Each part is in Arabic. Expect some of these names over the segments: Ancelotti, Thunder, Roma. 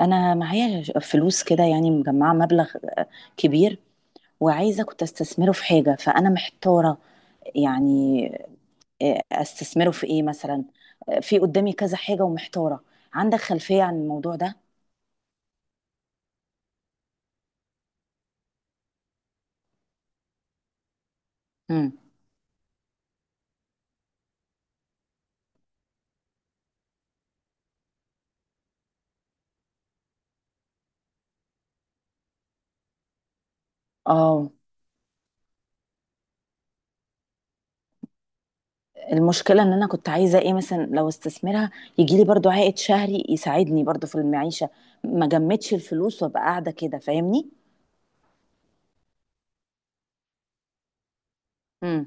انا معايا فلوس كده، يعني مجمعه مبلغ آه، كبير. وعايزه كنت استثمره في حاجه، فانا محتاره يعني. استثمره في ايه مثلا؟ في قدامي كذا حاجه ومحتاره. عندك خلفيه عن الموضوع ده؟ امم. اه. المشكله ان انا كنت عايزه، ايه مثلا، لو استثمرها يجي لي برضو عائد شهري يساعدني برضو في المعيشه. ما جمدش الفلوس وابقى قاعده كده، فاهمني؟ امم.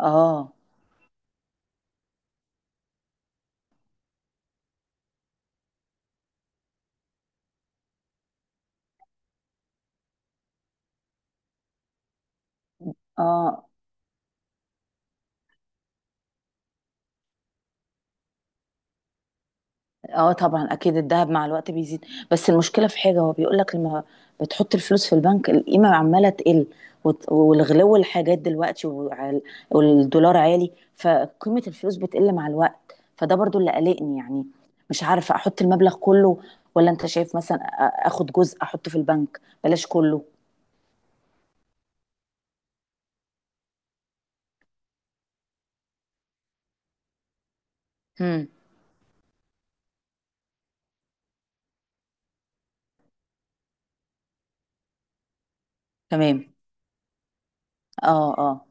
اه. اه، اه طبعا اكيد الذهب مع الوقت بيزيد. بس المشكله في حاجه، هو بيقول لك لما بتحط الفلوس في البنك القيمه عماله تقل. والغلو الحاجات دلوقتي، والدولار عالي. فقيمه الفلوس بتقل مع الوقت، فده برضو اللي قلقني يعني. مش عارفه احط المبلغ كله، ولا انت شايف مثلا اخد جزء احطه في البنك بلاش كله؟ امم. تمام. اه. اه.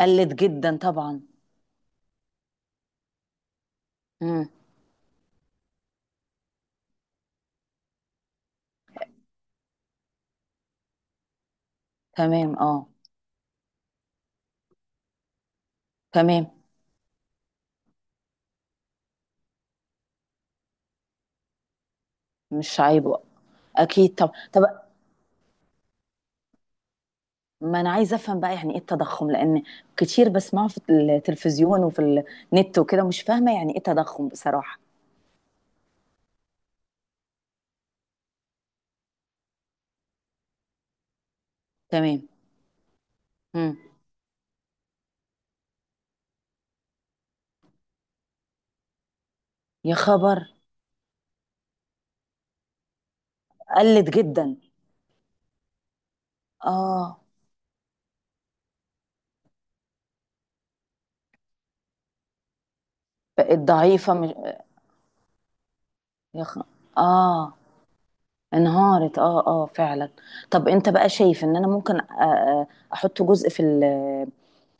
قلت جدا طبعا. امم. تمام. اه. تمام. مش عيب، اكيد. طب طب، ما انا عايزه افهم بقى، يعني ايه التضخم؟ لان كتير بسمعه في التلفزيون وفي النت وكده، مش فاهمه يعني ايه تضخم بصراحه. تمام. مم. يا خبر. قلت جدا. اه. بقت ضعيفه مش... يا خ... اه. انهارت، اه، اه فعلا. طب انت بقى شايف ان انا ممكن احط جزء في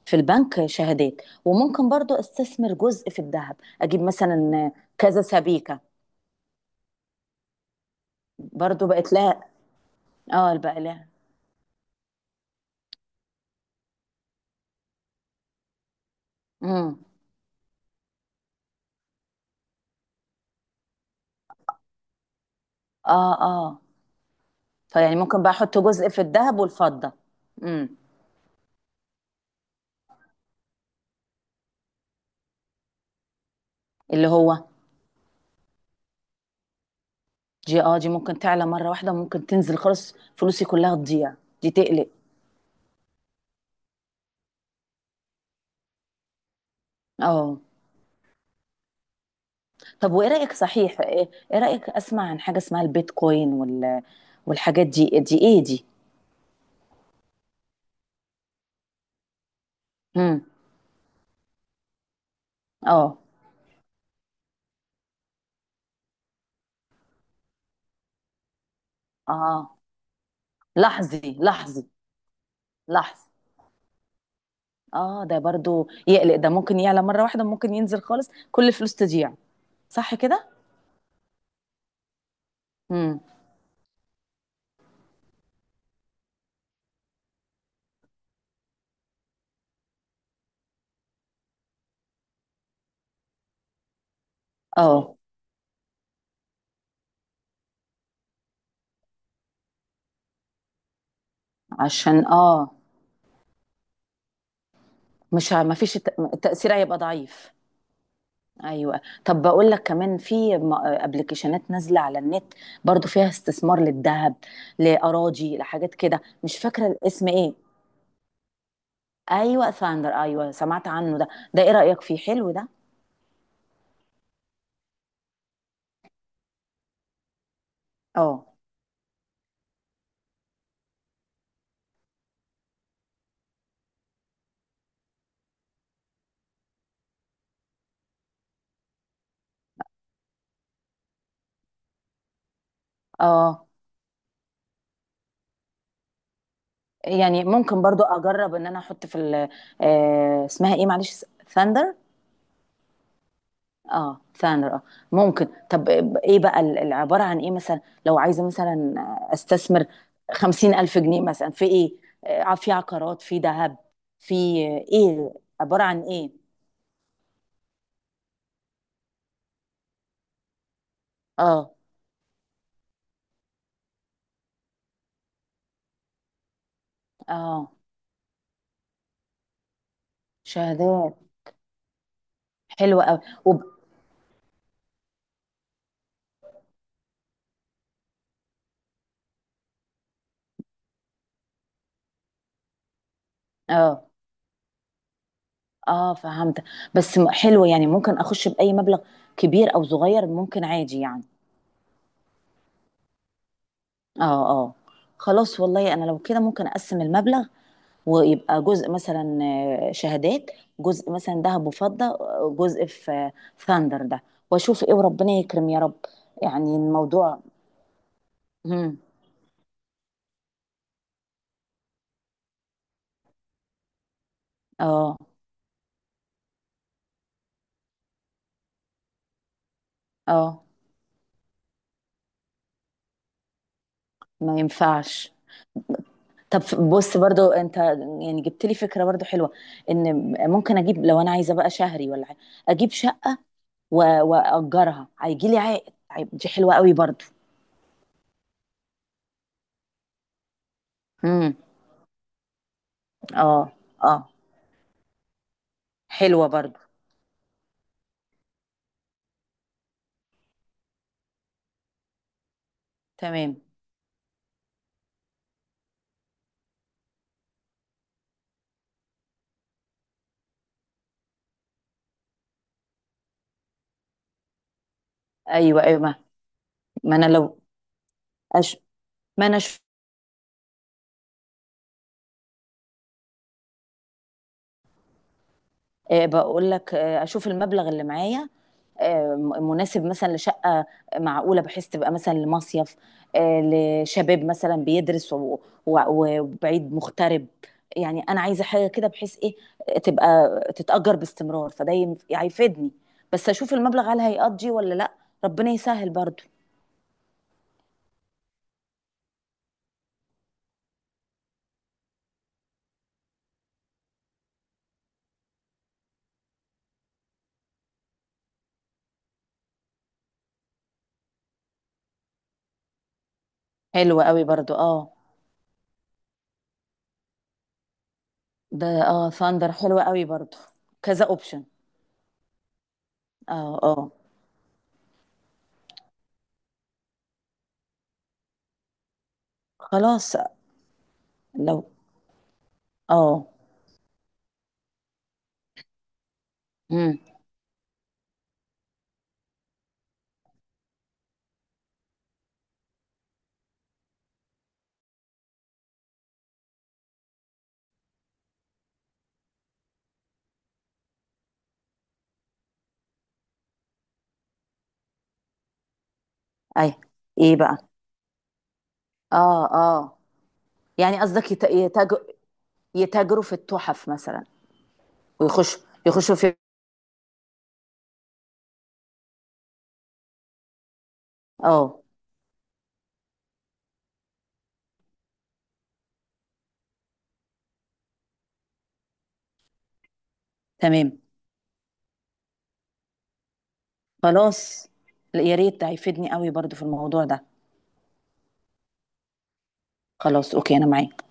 في البنك شهادات؟ وممكن برضو استثمر جزء في الذهب، اجيب مثلا كذا سبيكه. برضو بقت لها. اه، بقى. لها. اه. اه. فيعني ممكن بقى احط جزء في الذهب والفضة. امم. اللي هو. دي ممكن تعلى مرة واحدة، وممكن تنزل خالص فلوسي كلها تضيع. دي تقلق. اه، طب وايه رأيك صحيح؟ إيه رأيك؟ اسمع عن حاجة اسمها البيتكوين وال والحاجات دي، ايه دي؟ امم. اه. اه. لحظي، لحظي، لحظي. اه، ده برضو يقلق، ده ممكن يعلى مرة واحدة، ممكن ينزل خالص كل الفلوس تضيع. صح كده. امم. اه، عشان، مش ه- ما فيش التأثير هيبقى ضعيف. ايوه، طب بقول لك كمان في ابلكيشنات نازله على النت، برضو فيها استثمار للذهب، لاراضي، لحاجات كده، مش فاكره الاسم ايه. ايوه، ثاندر، ايوه سمعت عنه ده. ده ايه رأيك فيه، حلو ده؟ اه. اه، يعني ممكن برضو اجرب ان انا احط في اسمها ايه معلش؟ ثاندر. اه، ثانر، اه، ممكن. طب ايه بقى العبارة عن ايه مثلا؟ لو عايزة مثلا استثمر 50,000 جنيه مثلا في ايه؟ في عقارات، في ذهب، في ايه، عبارة عن ايه؟ اه. اه، شهادات. حلوة قوي. وب... اه. اه، فهمت. بس حلو، يعني ممكن اخش بأي مبلغ كبير او صغير، ممكن عادي يعني. اه. اه، خلاص والله، انا لو كده ممكن اقسم المبلغ، ويبقى جزء مثلا شهادات، جزء مثلا ذهب وفضة، جزء في ثاندر ده، واشوف ايه وربنا يكرم يا رب. يعني الموضوع. مم. اه. اه، ما ينفعش. طب. بص برضو انت يعني جبت لي فكرة برضو حلوة، ان ممكن اجيب لو انا عايزة بقى شهري ولا حاجة، اجيب شقة واجرها هيجي لي عائد. دي حلوة قوي برضو. امم. اه. اه، حلوة برضو. تمام. ايوه، ايوه، ما. ما انا لو أش... ما انا بقول لك، اشوف المبلغ اللي معايا مناسب مثلا لشقه معقوله، بحيث تبقى مثلا لمصيف، لشباب مثلا بيدرس وبعيد مغترب. يعني انا عايزه حاجه كده بحيث ايه، تبقى تتاجر باستمرار، فده هيفيدني. بس اشوف المبلغ هل هيقضي ولا لا، ربنا يسهل برضو. حلو قوي برضو. اه، ده. اه، ثاندر حلو قوي برضو، كذا اوبشن. اه. اه، خلاص لو. اه. امم. اي. ايه بقى؟ اه. اه، يعني قصدك يتاجروا في التحف مثلا، ويخشوا يخشوا في. اه. تمام. خلاص. لا، يا ريت، ده هيفيدني قوي برضو في الموضوع ده. خلاص، اوكي، انا معاك.